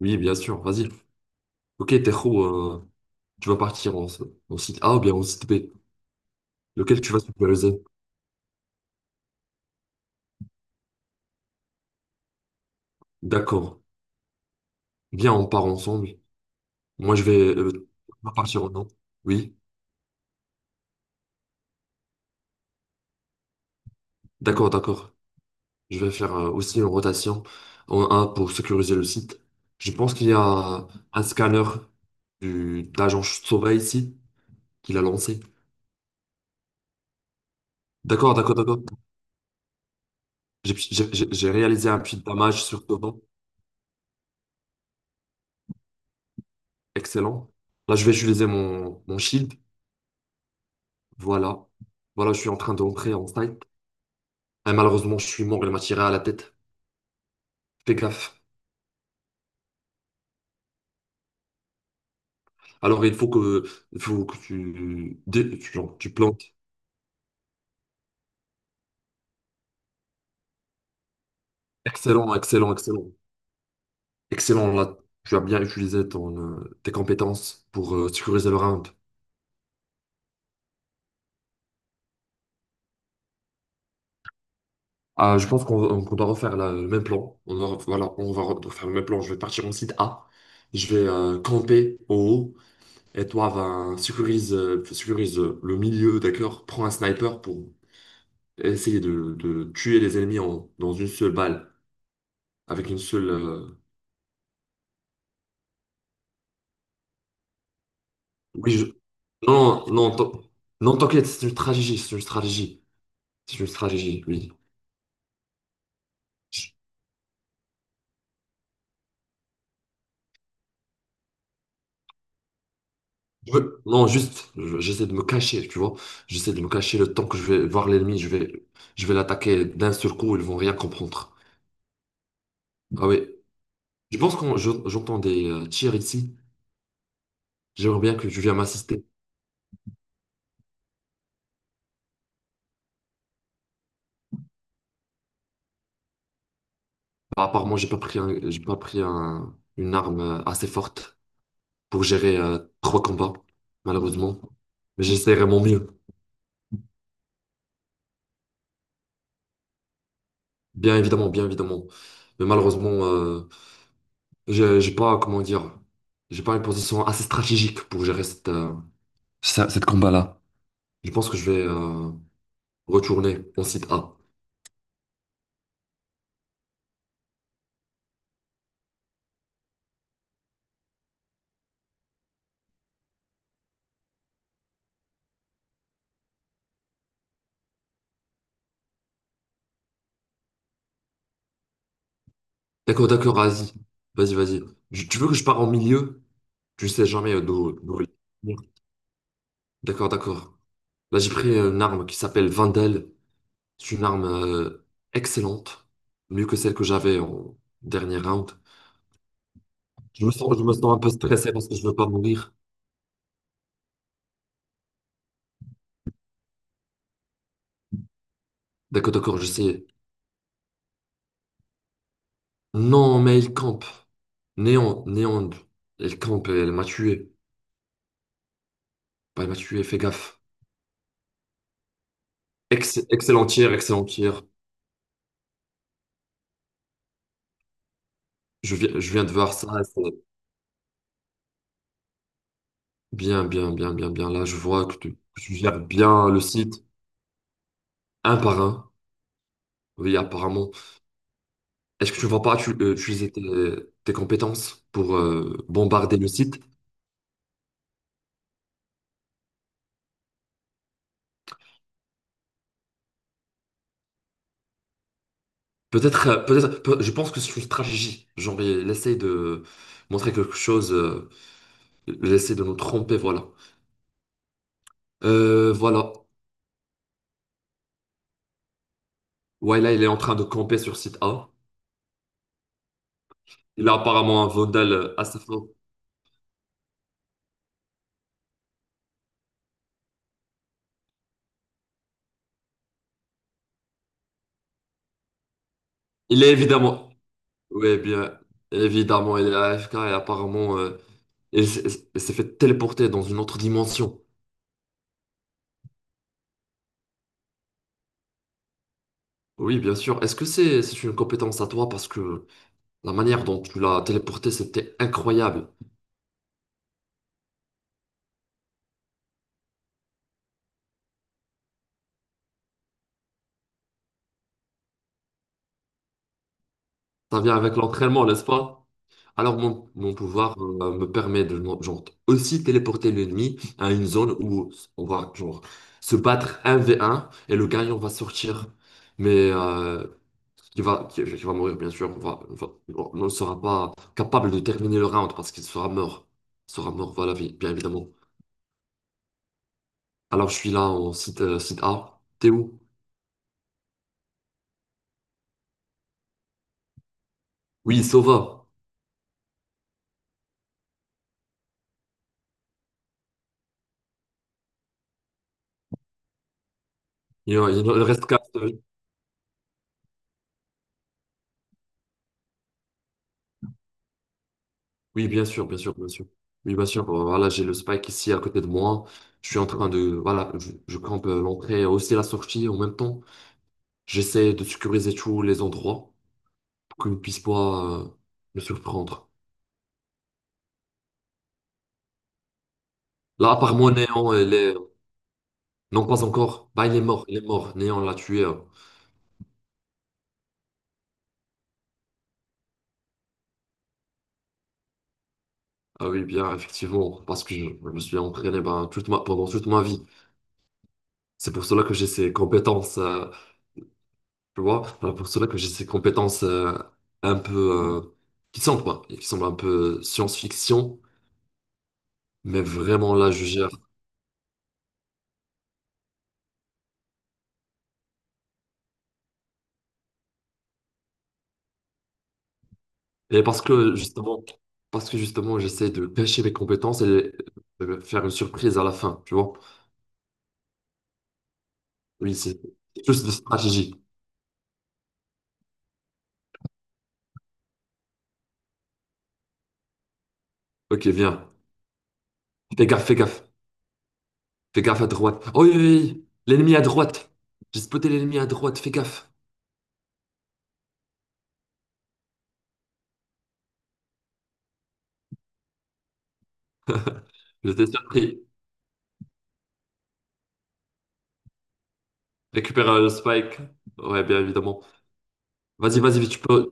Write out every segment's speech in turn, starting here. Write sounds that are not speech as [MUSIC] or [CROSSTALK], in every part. Oui, bien sûr, vas-y. Ok, Tejo, euh, tu vas partir en, en site A ou bien en site B. Lequel tu vas superviser? D'accord. Bien, on part ensemble. Moi, je vais on va partir en A. Oui, d'accord. Je vais faire aussi une rotation en A pour sécuriser le site. Je pense qu'il y a un scanner du, de l'agent Sova ici qu'il a lancé. D'accord. J'ai réalisé un petit damage sur Sova. Excellent. Là, je vais utiliser mon, mon shield. Voilà. Voilà, je suis en train d'entrer en fight. Et malheureusement, je suis mort, elle m'a tiré à la tête. Fais gaffe. Alors, il faut que tu, tu, genre, tu plantes. Excellent. Excellent, là. Tu as bien utilisé ton, tes compétences pour sécuriser le round. Ah, je pense qu'on doit refaire le même plan. On va, voilà, on va refaire le même plan. Je vais partir en site A. Je vais camper au haut. Et toi, va sécurise, sécurise le milieu, d'accord? Prends un sniper pour essayer de tuer les ennemis dans une seule balle, avec une seule... Oui, non, non, t'inquiète, c'est une stratégie, oui. Je- je veux- Non, juste, j'essaie de me cacher, tu vois. J'essaie de me cacher le temps que je vais voir l'ennemi, je vais l'attaquer d'un seul coup, ils vont rien comprendre. Ah oui, je pense que j'entends des tirs ici. J'aimerais bien que tu viennes m'assister. Apparemment, j'ai pas pris une arme assez forte pour gérer trois combats, malheureusement. Mais j'essaierai mon mieux, bien évidemment. Mais malheureusement, j'ai pas, comment dire, j'ai pas une position assez stratégique pour gérer cette, cette combat-là. Je pense que je vais retourner en site A. D'accord, vas-y, vas-y. Je- Tu veux que je pars en milieu? Tu sais jamais d'où. Vient. D'accord. Là, j'ai pris une arme qui s'appelle Vandal. C'est une arme excellente, mieux que celle que j'avais en dernier round. Je me sens un peu stressé parce que je veux pas mourir. D'accord, je sais. Non, mais il campe. Néon, il campe et elle m'a tué. Bah, elle m'a tué, fais gaffe. Excellent tir, excellent tir. Je viens de voir ça, et c'est bien. Là, je vois que tu gères bien le site, un par un. Oui, apparemment. Est-ce que tu ne vas pas utiliser tes, tes compétences pour bombarder le site? Peut-être, peut-être, je pense que c'est une stratégie. Genre, il essaye de montrer quelque chose. J'essaie de nous tromper, voilà. Voilà. Ouais, là, il est en train de camper sur site A. Il a apparemment un Vondel à sa fin. Il est évidemment... Oui, bien. Évidemment, il est AFK et apparemment, il s'est fait téléporter dans une autre dimension. Oui, bien sûr. Est-ce que c'est une compétence à toi? Parce que la manière dont tu l'as téléporté, c'était incroyable. Ça vient avec l'entraînement, n'est-ce pas? Alors mon pouvoir me permet de genre, aussi téléporter l'ennemi à une zone où on va genre, se battre 1v1 et le gagnant va sortir. Mais qui va mourir, bien sûr. On va- on ne sera pas capable de terminer le round parce qu'il sera mort. Il sera mort, voilà, bien évidemment. Alors je suis là en site, site A. T'es où? Oui, Sova. Il en reste quatre. Bien sûr. Oui, bien sûr. Voilà, j'ai le Spike ici à côté de moi. Je suis en train de, voilà, je campe l'entrée, aussi la sortie en même temps. J'essaie de sécuriser tous les endroits pour qu'ils ne puissent pas me surprendre. Là, à part moi, Néon, elle est... Non, pas encore. Bah, il est mort, il est mort. Néon l'a tué. Ah oui, bien, effectivement, parce que je me suis entraîné ben, toute ma, pendant toute ma vie. C'est pour cela que j'ai ces compétences. Tu vois, voilà pour cela que j'ai ces compétences un peu euh, qui semblent, quoi, et qui semblent un peu science-fiction, mais vraiment là, je gère. Et parce que justement, j'essaie de cacher mes compétences et de faire une surprise à la fin, tu vois. Oui, c'est juste de stratégie. Ok, viens. Fais gaffe. Fais gaffe à droite. Oh oui. L'ennemi à droite. J'ai spoté l'ennemi à droite, fais gaffe. J'étais surpris. Récupère le spike. Ouais, bien évidemment. Vas-y, tu peux.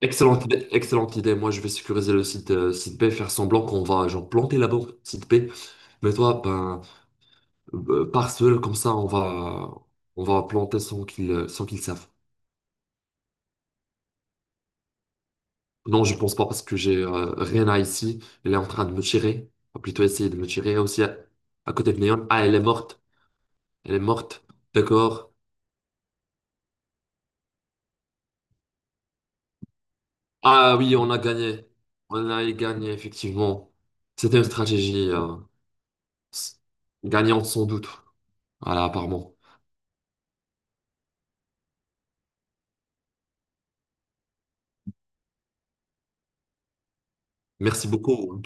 Excellente idée, excellente idée. Moi, je vais sécuriser le site, site B, faire semblant qu'on va genre planter la bombe site B. Mais toi, ben, par seul, comme ça, on va planter sans qu'ils, sans qu'ils savent. Non, je pense pas parce que j'ai Rena ici. Elle est en train de me tirer. Ou plutôt essayer de me tirer aussi à côté de Neon. Ah, elle est morte. Elle est morte. D'accord. Ah oui, on a gagné. On a gagné, effectivement. C'était une stratégie s- gagnante sans doute. Voilà, apparemment. Merci beaucoup.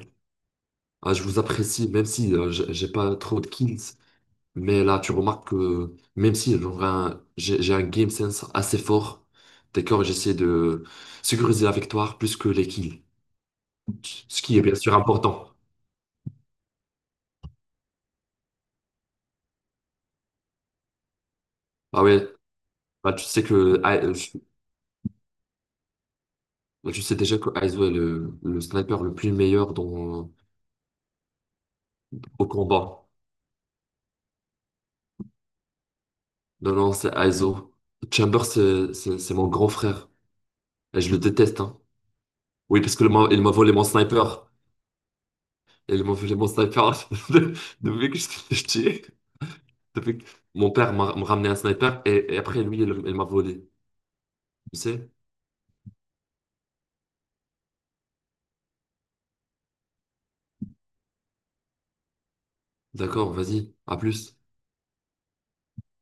Ah, je vous apprécie, même si j'ai pas trop de kills. Mais là, tu remarques que même si j'ai un game sense assez fort, d'accord, j'essaie de sécuriser la victoire plus que les kills. Ce qui est bien sûr important. Ah ouais, bah, tu sais que ah, bah, tu sais déjà que Aizo est le sniper le plus meilleur dans, au combat. Non, non, c'est Aizo. Chamber, c'est mon grand frère. Et je le déteste, hein. Oui, parce que il m'a volé mon sniper. Et les, mon, j'ai mon sniper, [LAUGHS] de- depuis que j'étais petit, depuis que mon père me ramenait un sniper, et après, lui, il m'a volé. Tu sais? D'accord, vas-y, à plus.